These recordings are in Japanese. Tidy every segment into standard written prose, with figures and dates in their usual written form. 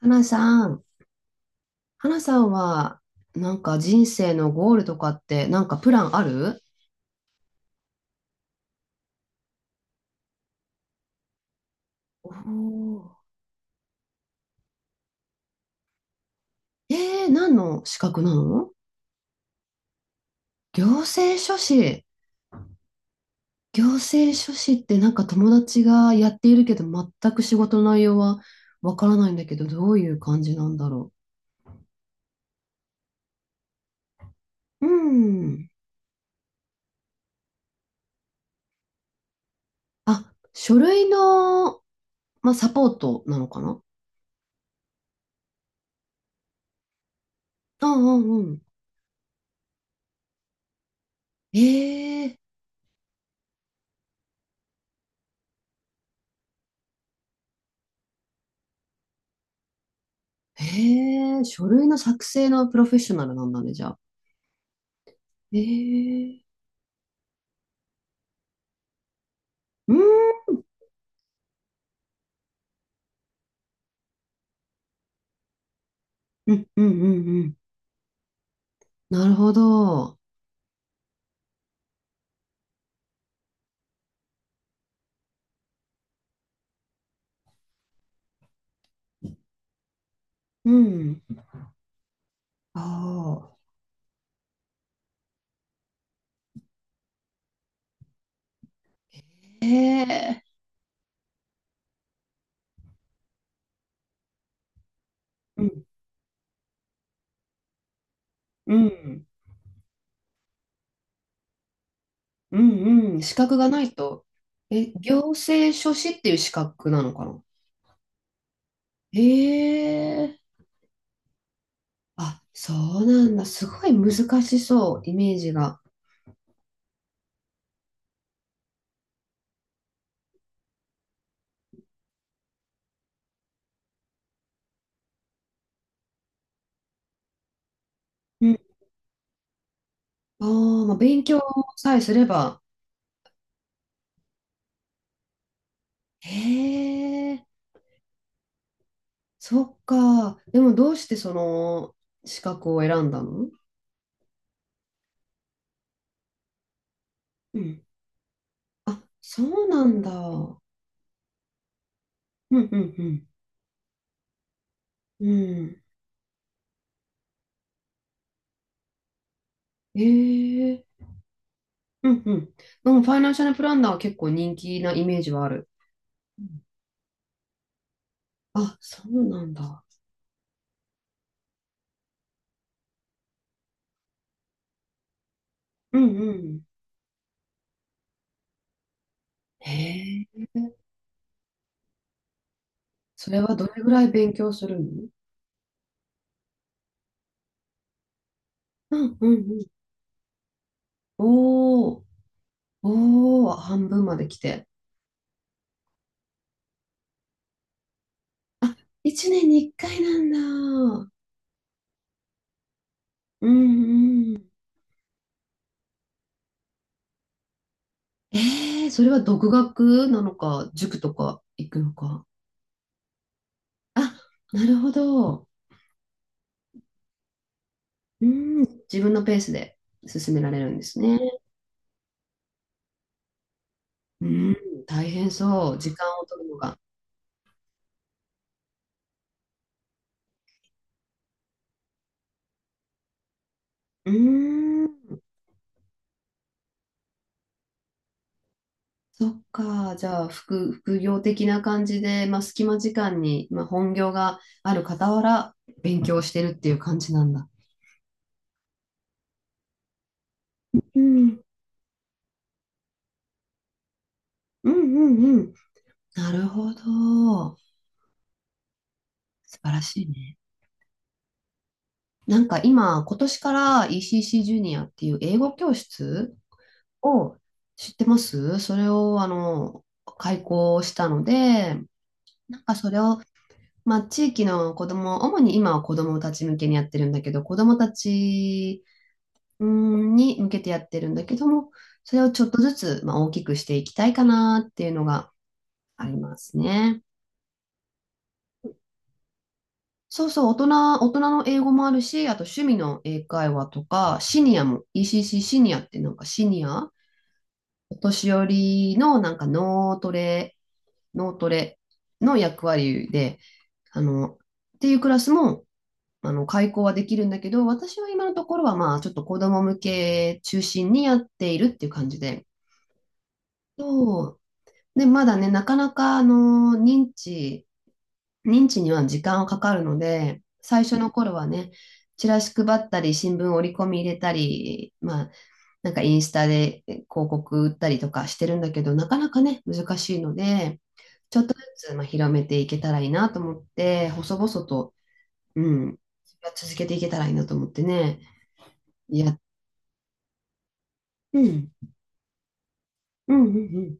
花さん、花さんは、なんか人生のゴールとかって、なんかプランある？おー。えー、何の資格なの？行政書士。行政書士ってなんか友達がやっているけど、全く仕事の内容はわからないんだけど、どういう感じなんだろう。うん。あ、書類の、まあ、サポートなのかな？うんうんうん。えー、えー、書類の作成のプロフェッショナルなんだね、じゃあ。えー。うーん、うん、うん、うん、うん。なるほど。うん。ああ、へえ。うん、うん、うん、うん。資格がないと。え、行政書士っていう資格なのかな？へえ。あ、そうなんだ。すごい難しそう、イメージが。うん。ああ、まあ、勉強さえすれば。へえ。そっか。でもどうしてその資格を選んだの？うん。あ、そうなんだ。うんうんうん。うん。ええ。うんうん。でもファイナンシャルプランナーは結構人気なイメージはある。うん。あ、そうなんだ。うんうん。へえ。それはどれぐらい勉強するの？うんうんうん。おお、おお、半分まで来て。あ、一年に一回なんだ。うんうん。ええ、それは独学なのか、塾とか行くのか。あ、なるほど。うん、自分のペースで進められるんですね。うん、大変そう。時間を取るのが。うーん、そっか。じゃあ、副、副業的な感じで、まあ、隙間時間に、まあ、本業がある傍ら、勉強してるっていう感じなんだ。うん、うん、うん、うん。なるほど。素晴らしいね。なんか今、今年から ECC ジュニアっていう英語教室を知ってます、それを開講したので、なんかそれを、まあ、地域の子ども主に今は子どもたち向けにやってるんだけど、子どもたちうんに向けてやってるんだけども、それをちょっとずつ、まあ、大きくしていきたいかなっていうのがありますね。そうそう、大人、大人の英語もあるし、あと趣味の英会話とか、シニアも、ECC シーシーシニアってなんかシニアお年寄りのなんか脳トレ、脳トレの役割で、あの、っていうクラスも、開講はできるんだけど、私は今のところは、まあ、ちょっと子供向け中心にやっているっていう感じで。そう。で、まだね、なかなか、認知、認知には時間はかかるので、最初の頃はね、チラシ配ったり、新聞折り込み入れたり、まあ、なんかインスタで広告売ったりとかしてるんだけど、なかなかね、難しいので、ちょっとずつまあ広めていけたらいいなと思って、細々と、うん、続けていけたらいいなと思ってね、いや、うん、うん、うん、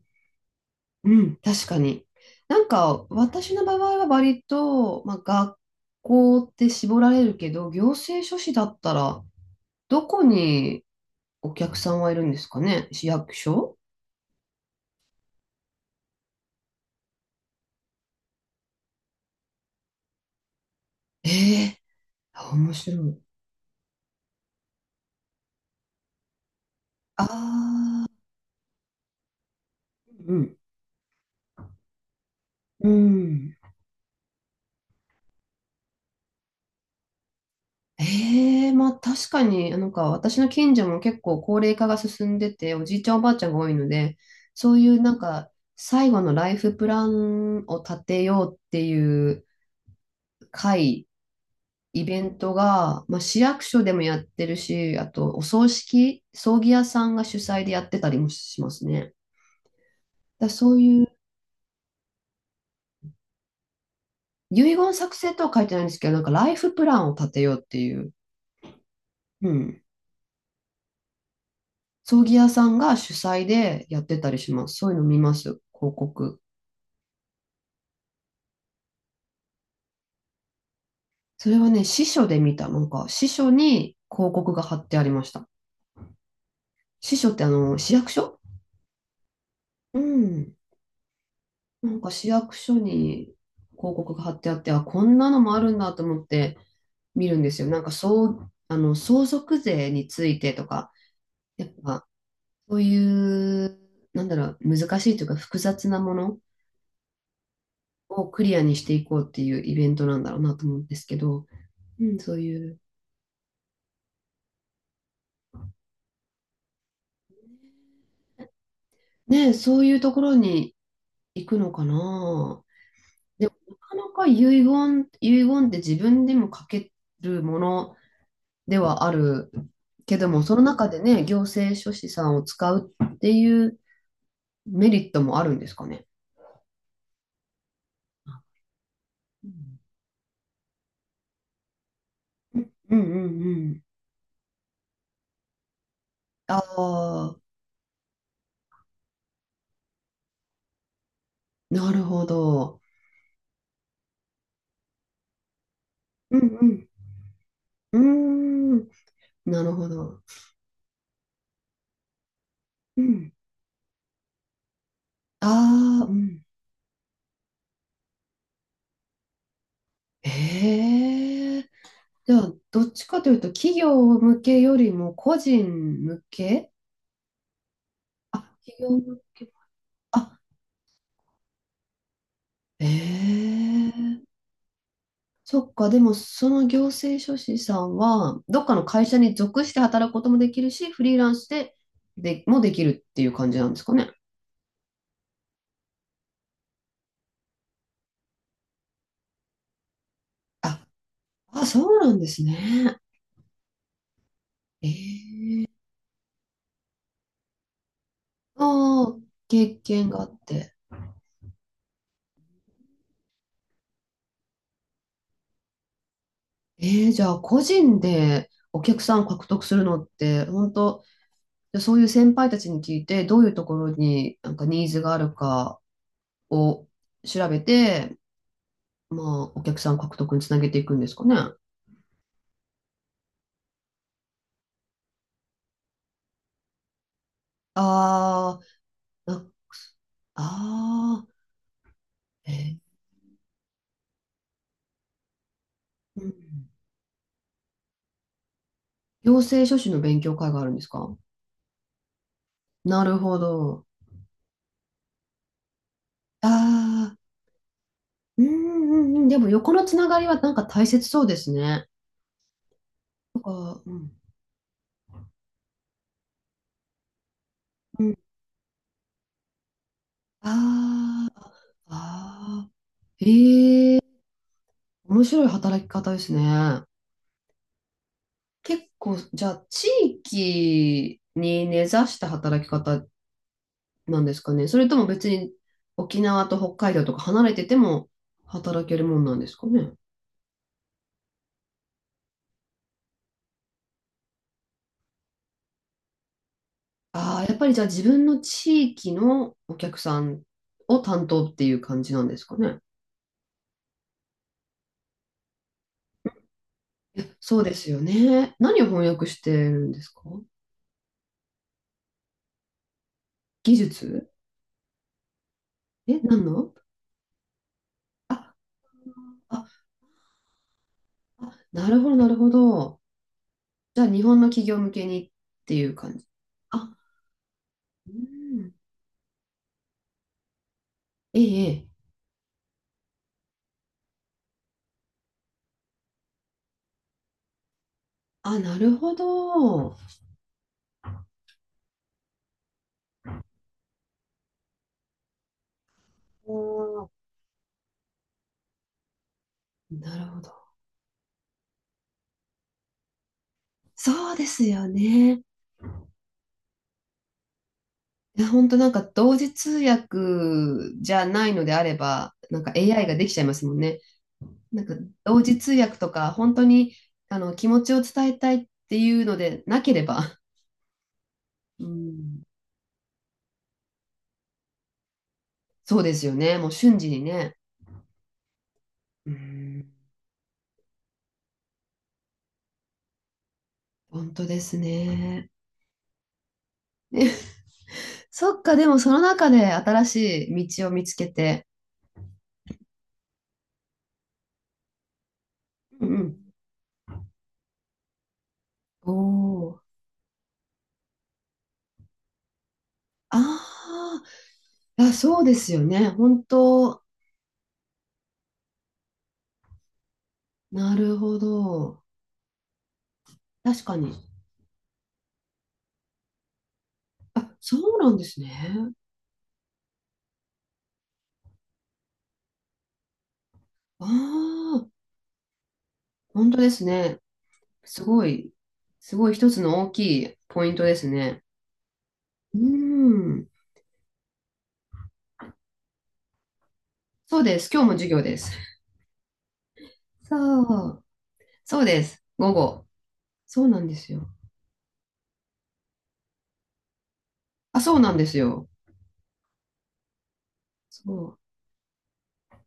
うん、うん、確かに。なんか、私の場合は割と、まあ、学校って絞られるけど、行政書士だったら、どこにお客さんはいるんですかね、市役所？ええー、面白い。ああ、うんうん。ええ、まあ確かに、なんか私の近所も結構高齢化が進んでて、おじいちゃんおばあちゃんが多いので、そういうなんか最後のライフプランを立てようっていう会、イベントが、まあ、市役所でもやってるし、あとお葬式、葬儀屋さんが主催でやってたりもしますね。だからそういう遺言作成とは書いてないんですけど、なんかライフプランを立てようっていう、うん、葬儀屋さんが主催でやってたりします。そういうの見ます、広告。それはね、司書で見た。なんか、司書に広告が貼ってありました。司書って市役所。うん。なんか市役所に広告が貼ってあって、あ、こんなのもあるんだと思って見るんですよ。なんか、そう、相続税についてとか、やっぱ、そういう、なんだろう、難しいというか複雑なものをクリアにしていこうっていうイベントなんだろうなと思うんですけど、うん、そういうねえ、そういうところに行くのかな。でも、なかなか遺言、遺言って自分でも書けるものではあるけども、その中でね、行政書士さんを使うっていうメリットもあるんですかね。うんうんうんうん。ああ、なるほど。うんうん。うーん、なるほど。うん。ああ、うん。へえ。じゃあ、どっちかというと、企業向けよりも個人向け？あ、企業向け。あ、ええ。そっか、でも、その行政書士さんは、どっかの会社に属して働くこともできるし、フリーランスで、でもできるっていう感じなんですかね。あ、あ、そうなんですね。ええ。ああ、経験があって。ええ、じゃあ、個人でお客さんを獲得するのって、本当でそういう先輩たちに聞いて、どういうところになんかニーズがあるかを調べて、まあ、お客さん獲得につなげていくんですかね。あー、な、あー、えー、うん。行政書士の勉強会があるんですか？なるほど。ああ、うんうんうん。でも横のつながりはなんか大切そうですね。なんか、うん。うん。ああ、ああ、ええ、面白い働き方ですね。結構、じゃあ、地域に根ざした働き方なんですかね。それとも別に沖縄と北海道とか離れてても働けるもんなんですかね。ああ、やっぱりじゃあ自分の地域のお客さんを担当っていう感じなんですかね。いやそうですよね。何を翻訳してるんですか？技術。え、何の？あ、あ、あ、なるほど、なるほど。じゃあ、日本の企業向けにっていう感じ。あ、うん。ええ、ええ、あ、なるほど。おー、なるほど。そうですよね。いや本当なんか同時通訳じゃないのであれば、なんか AI ができちゃいますもんね。なんか同時通訳とか、本当にあの気持ちを伝えたいっていうのでなければ、うん、そうですよね。もう瞬時にね。うん、本当ですね。え、そっか、でもその中で新しい道を見つけて。うんうん。おお。ああ、そうですよね。本当。なるほど。確かに。あ、そうなんですね。ああ、本当ですね。すごい、すごい一つの大きいポイントですね。うーん。そうです。今日も授業です。そう。そうです。午後。そうなんですよ。あ、そうなんですよ。そう。